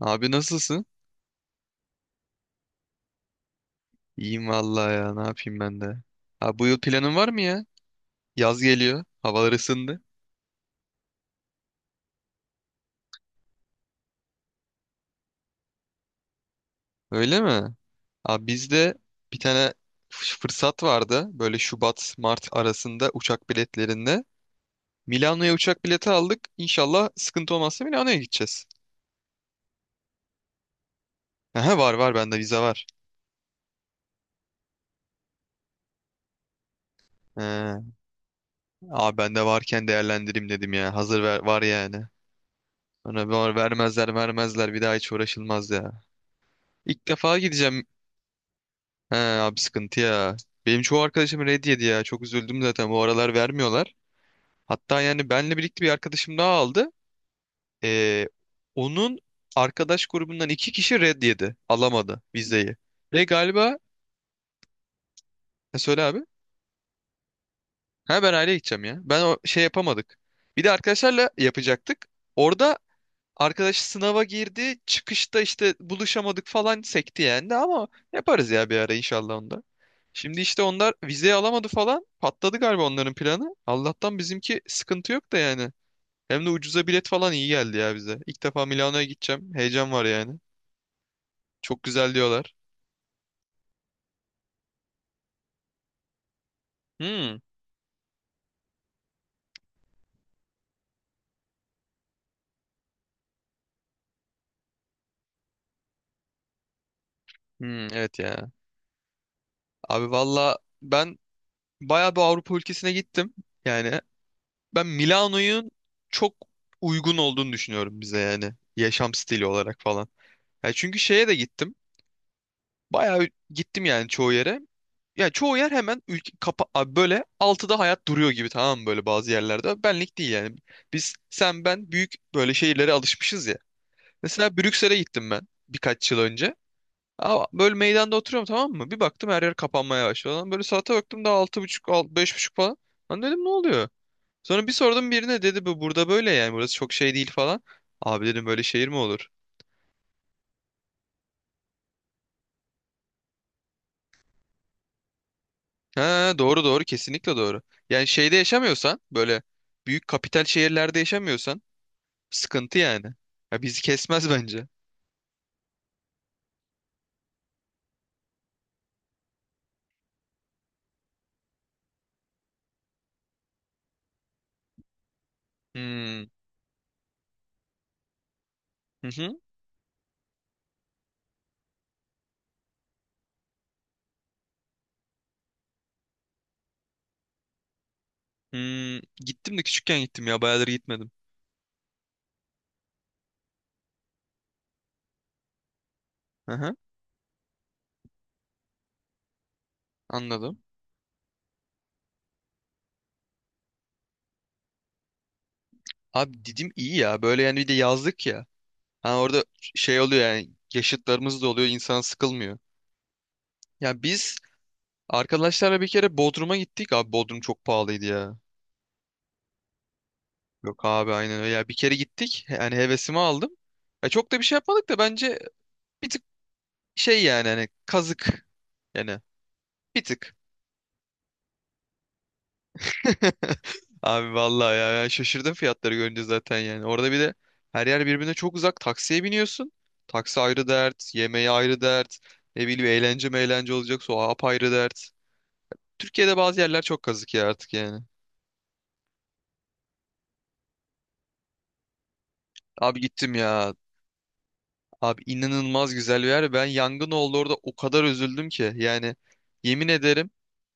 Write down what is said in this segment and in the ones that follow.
Abi nasılsın? İyiyim vallahi ya. Ne yapayım ben de. Abi bu yıl planın var mı ya? Yaz geliyor. Havalar ısındı. Öyle mi? Abi bizde bir tane fırsat vardı. Böyle Şubat, Mart arasında uçak biletlerinde. Milano'ya uçak bileti aldık. İnşallah sıkıntı olmazsa Milano'ya gideceğiz. Aha, var var bende vize var. He, abi bende varken değerlendireyim dedim ya. Hazır ver, var yani. Bana var vermezler vermezler bir daha hiç uğraşılmaz ya. İlk defa gideceğim. He abi sıkıntı ya. Benim çoğu arkadaşım red yedi ya. Çok üzüldüm zaten. Bu aralar vermiyorlar. Hatta yani benle birlikte bir arkadaşım daha aldı. Ee, onun arkadaş grubundan iki kişi red yedi. Alamadı vizeyi. Ve galiba... Ha, söyle abi. Ha ben aileye gideceğim ya. Ben o şey yapamadık. Bir de arkadaşlarla yapacaktık. Orada arkadaş sınava girdi. Çıkışta işte buluşamadık falan sekti yani de ama yaparız ya bir ara inşallah onda. Şimdi işte onlar vizeyi alamadı falan. Patladı galiba onların planı. Allah'tan bizimki sıkıntı yok da yani. Hem de ucuza bilet falan iyi geldi ya bize. İlk defa Milano'ya gideceğim. Heyecan var yani. Çok güzel diyorlar. Hmm. Hmm, evet ya. Abi valla ben bayağı bir Avrupa ülkesine gittim. Yani ben Milano'nun çok uygun olduğunu düşünüyorum bize yani. Yaşam stili olarak falan. Ya çünkü şeye de gittim. Bayağı gittim yani çoğu yere. Ya çoğu yer hemen ülke kapa abi böyle 6'da hayat duruyor gibi tamam mı böyle bazı yerlerde. Benlik değil yani. Biz sen ben büyük böyle şehirlere alışmışız ya. Mesela Brüksel'e gittim ben birkaç yıl önce. Aa, böyle meydanda oturuyorum tamam mı? Bir baktım her yer kapanmaya başladı. Lan böyle saate baktım daha 6:30, 5:30 falan. Lan dedim ne oluyor? Sonra bir sordum birine dedi bu burada böyle yani burası çok şey değil falan. Abi dedim böyle şehir mi olur? Ha, doğru doğru kesinlikle doğru. Yani şeyde yaşamıyorsan böyle büyük kapital şehirlerde yaşamıyorsan sıkıntı yani. Ya bizi kesmez bence. Hmm. Hı hı. Hmm. Gittim de küçükken gittim ya bayağıdır gitmedim. Hı hı. Anladım. Abi Didim iyi ya böyle yani bir de yazlık ya. Ha orada şey oluyor yani yaşıtlarımız da oluyor insan sıkılmıyor. Ya biz arkadaşlarla bir kere Bodrum'a gittik abi Bodrum çok pahalıydı ya. Yok abi aynen öyle ya bir kere gittik yani hevesimi aldım. Ya çok da bir şey yapmadık da bence bir tık şey yani hani kazık yani bir tık. Abi vallahi ya ben şaşırdım fiyatları görünce zaten yani. Orada bir de her yer birbirine çok uzak. Taksiye biniyorsun. Taksi ayrı dert, yemeği ayrı dert. Ne bileyim eğlence meğlence olacaksa o apayrı dert. Türkiye'de bazı yerler çok kazık ya artık yani. Abi gittim ya. Abi inanılmaz güzel bir yer. Ben yangın oldu orada o kadar üzüldüm ki. Yani yemin ederim.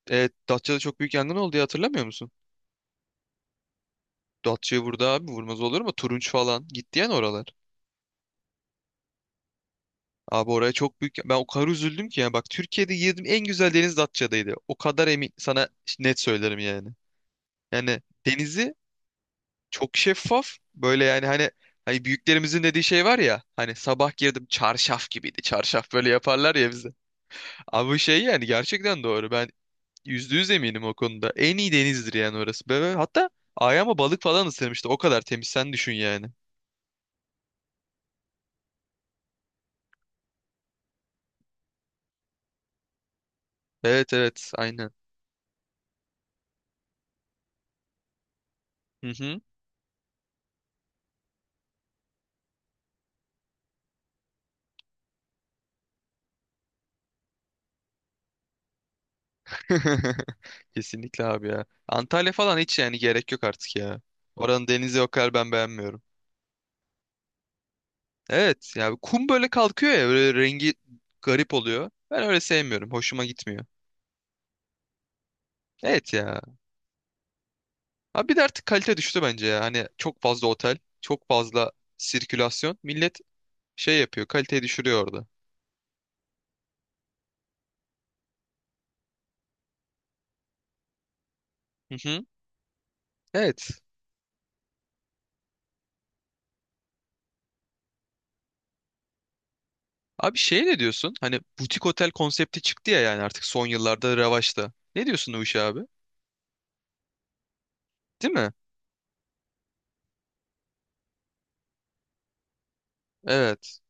Evet, Datça'da çok büyük yangın oldu ya hatırlamıyor musun? Datça'ya vurdu abi vurmaz olur mu? Turunç falan. Gitti yani oralar. Abi oraya çok büyük. Ben o kadar üzüldüm ki yani. Bak Türkiye'de girdim en güzel deniz Datça'daydı. O kadar emin sana net söylerim yani. Yani denizi çok şeffaf. Böyle yani hani büyüklerimizin dediği şey var ya. Hani sabah girdim çarşaf gibiydi. Çarşaf böyle yaparlar ya bize. Abi bu şey yani gerçekten doğru. Ben %100 eminim o konuda. En iyi denizdir yani orası. Böyle, hatta ayağıma balık falan ısırmıştı. O kadar temiz sen düşün yani. Evet evet aynen. Hı hı. Kesinlikle abi ya. Antalya falan hiç yani gerek yok artık ya. Oranın denizi o kadar ben beğenmiyorum. Evet ya kum böyle kalkıyor ya böyle rengi garip oluyor. Ben öyle sevmiyorum. Hoşuma gitmiyor. Evet ya. Abi bir de artık kalite düştü bence ya. Hani çok fazla otel, çok fazla sirkülasyon. Millet şey yapıyor, kaliteyi düşürüyor orada. Hı hı. Evet. Abi şey ne diyorsun? Hani butik otel konsepti çıktı ya yani artık son yıllarda revaçta. Ne diyorsun o işe abi? Değil mi? Evet.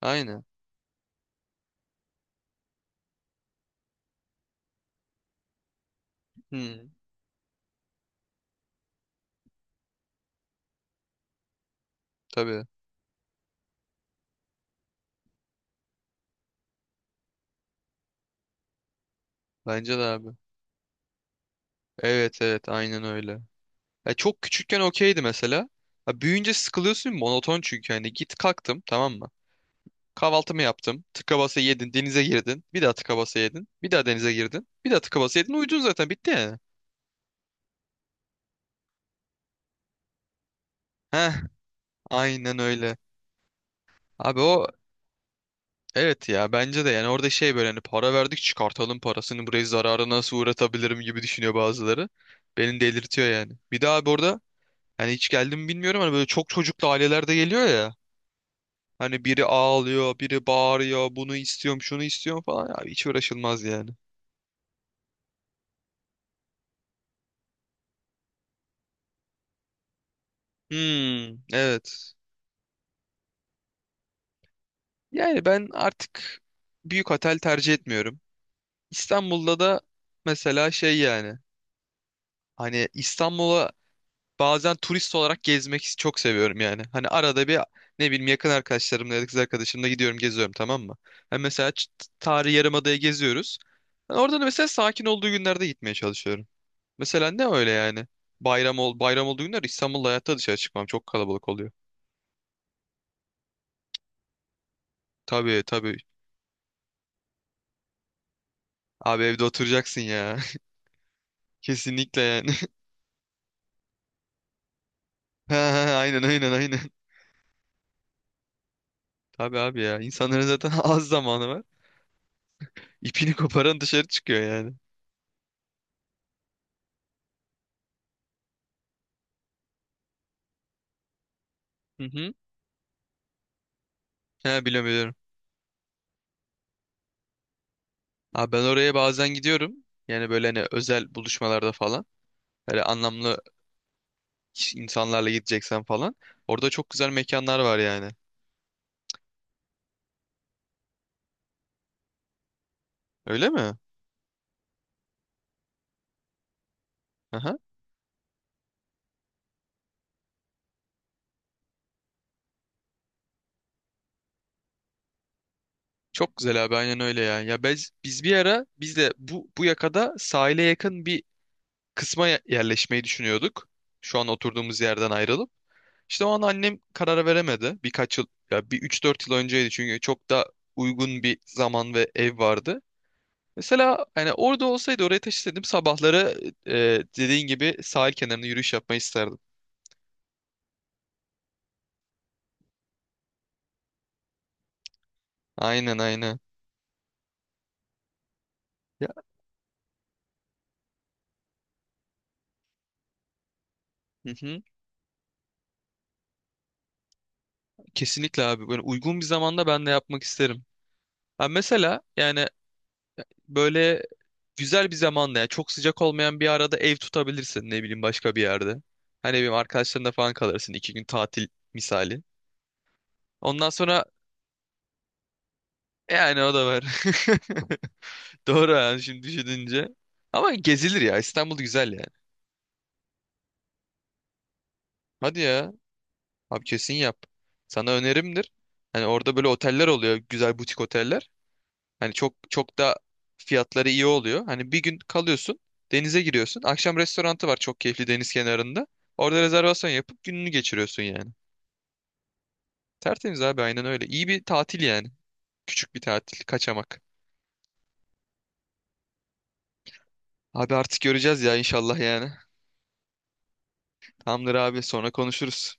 Aynen. Hmm. Tabii. Bence de abi. Evet evet aynen öyle. Ya çok küçükken okeydi mesela. Ya büyüyünce sıkılıyorsun monoton çünkü hani git kalktım tamam mı? Kahvaltımı yaptım. Tıka basa yedin, denize girdin. Bir daha tıka basa yedin. Bir daha denize girdin. Bir daha tıka basa yedin. Uyudun zaten bitti yani. Heh, aynen öyle. Abi o evet ya bence de yani orada şey böyle hani para verdik çıkartalım parasını burayı zarara nasıl uğratabilirim gibi düşünüyor bazıları. Beni delirtiyor yani. Bir daha abi orada hani hiç geldim bilmiyorum hani böyle çok çocuklu aileler de geliyor ya. Hani biri ağlıyor, biri bağırıyor, bunu istiyorum, şunu istiyorum falan. Abi hiç uğraşılmaz yani. Hmm, evet. Yani ben artık büyük otel tercih etmiyorum. İstanbul'da da mesela şey yani. Hani İstanbul'a bazen turist olarak gezmek çok seviyorum yani. Hani arada bir ne bileyim yakın arkadaşlarımla ya da kız arkadaşımla gidiyorum geziyorum tamam mı? Hani mesela Tarihi Yarımada'ya geziyoruz. Yani orada da mesela sakin olduğu günlerde gitmeye çalışıyorum. Mesela ne öyle yani? Bayram ol bayram olduğu günler İstanbul'da hayatta dışarı çıkmam. Çok kalabalık oluyor. Tabii tabii. Abi evde oturacaksın ya. Kesinlikle yani. Ha, ha, ha, aynen aynen aynen. Tabii abi ya. İnsanların zaten az zamanı var. İpini koparan dışarı çıkıyor yani. Hı hı. He biliyorum biliyorum. Abi ben oraya bazen gidiyorum. Yani böyle hani özel buluşmalarda falan. Böyle anlamlı insanlarla gideceksen falan. Orada çok güzel mekanlar var yani. Öyle mi? Aha. Çok güzel abi aynen öyle ya. Ya biz bir ara biz de bu yakada sahile yakın bir kısma yerleşmeyi düşünüyorduk. Şu an oturduğumuz yerden ayrılıp. İşte o an annem karar veremedi. Birkaç yıl ya bir 3-4 yıl önceydi çünkü çok da uygun bir zaman ve ev vardı. Mesela hani orada olsaydı oraya taşısaydım sabahları dediğin gibi sahil kenarında yürüyüş yapmayı isterdim. Aynen aynen. Ya, hı hı. Kesinlikle abi böyle uygun bir zamanda ben de yapmak isterim. Ha mesela yani böyle güzel bir zamanda ya çok sıcak olmayan bir arada ev tutabilirsin ne bileyim başka bir yerde. Hani benim arkadaşlarında falan kalırsın 2 gün tatil misali. Ondan sonra yani o da var. Doğru yani şimdi düşününce. Ama gezilir ya İstanbul güzel yani. Hadi ya abi kesin yap. Sana önerimdir. Hani orada böyle oteller oluyor güzel butik oteller. Hani çok çok da fiyatları iyi oluyor. Hani bir gün kalıyorsun denize giriyorsun. Akşam restorantı var çok keyifli deniz kenarında. Orada rezervasyon yapıp gününü geçiriyorsun yani. Tertemiz abi aynen öyle. İyi bir tatil yani. Küçük bir tatil, kaçamak. Abi artık göreceğiz ya inşallah yani. Tamamdır abi sonra konuşuruz.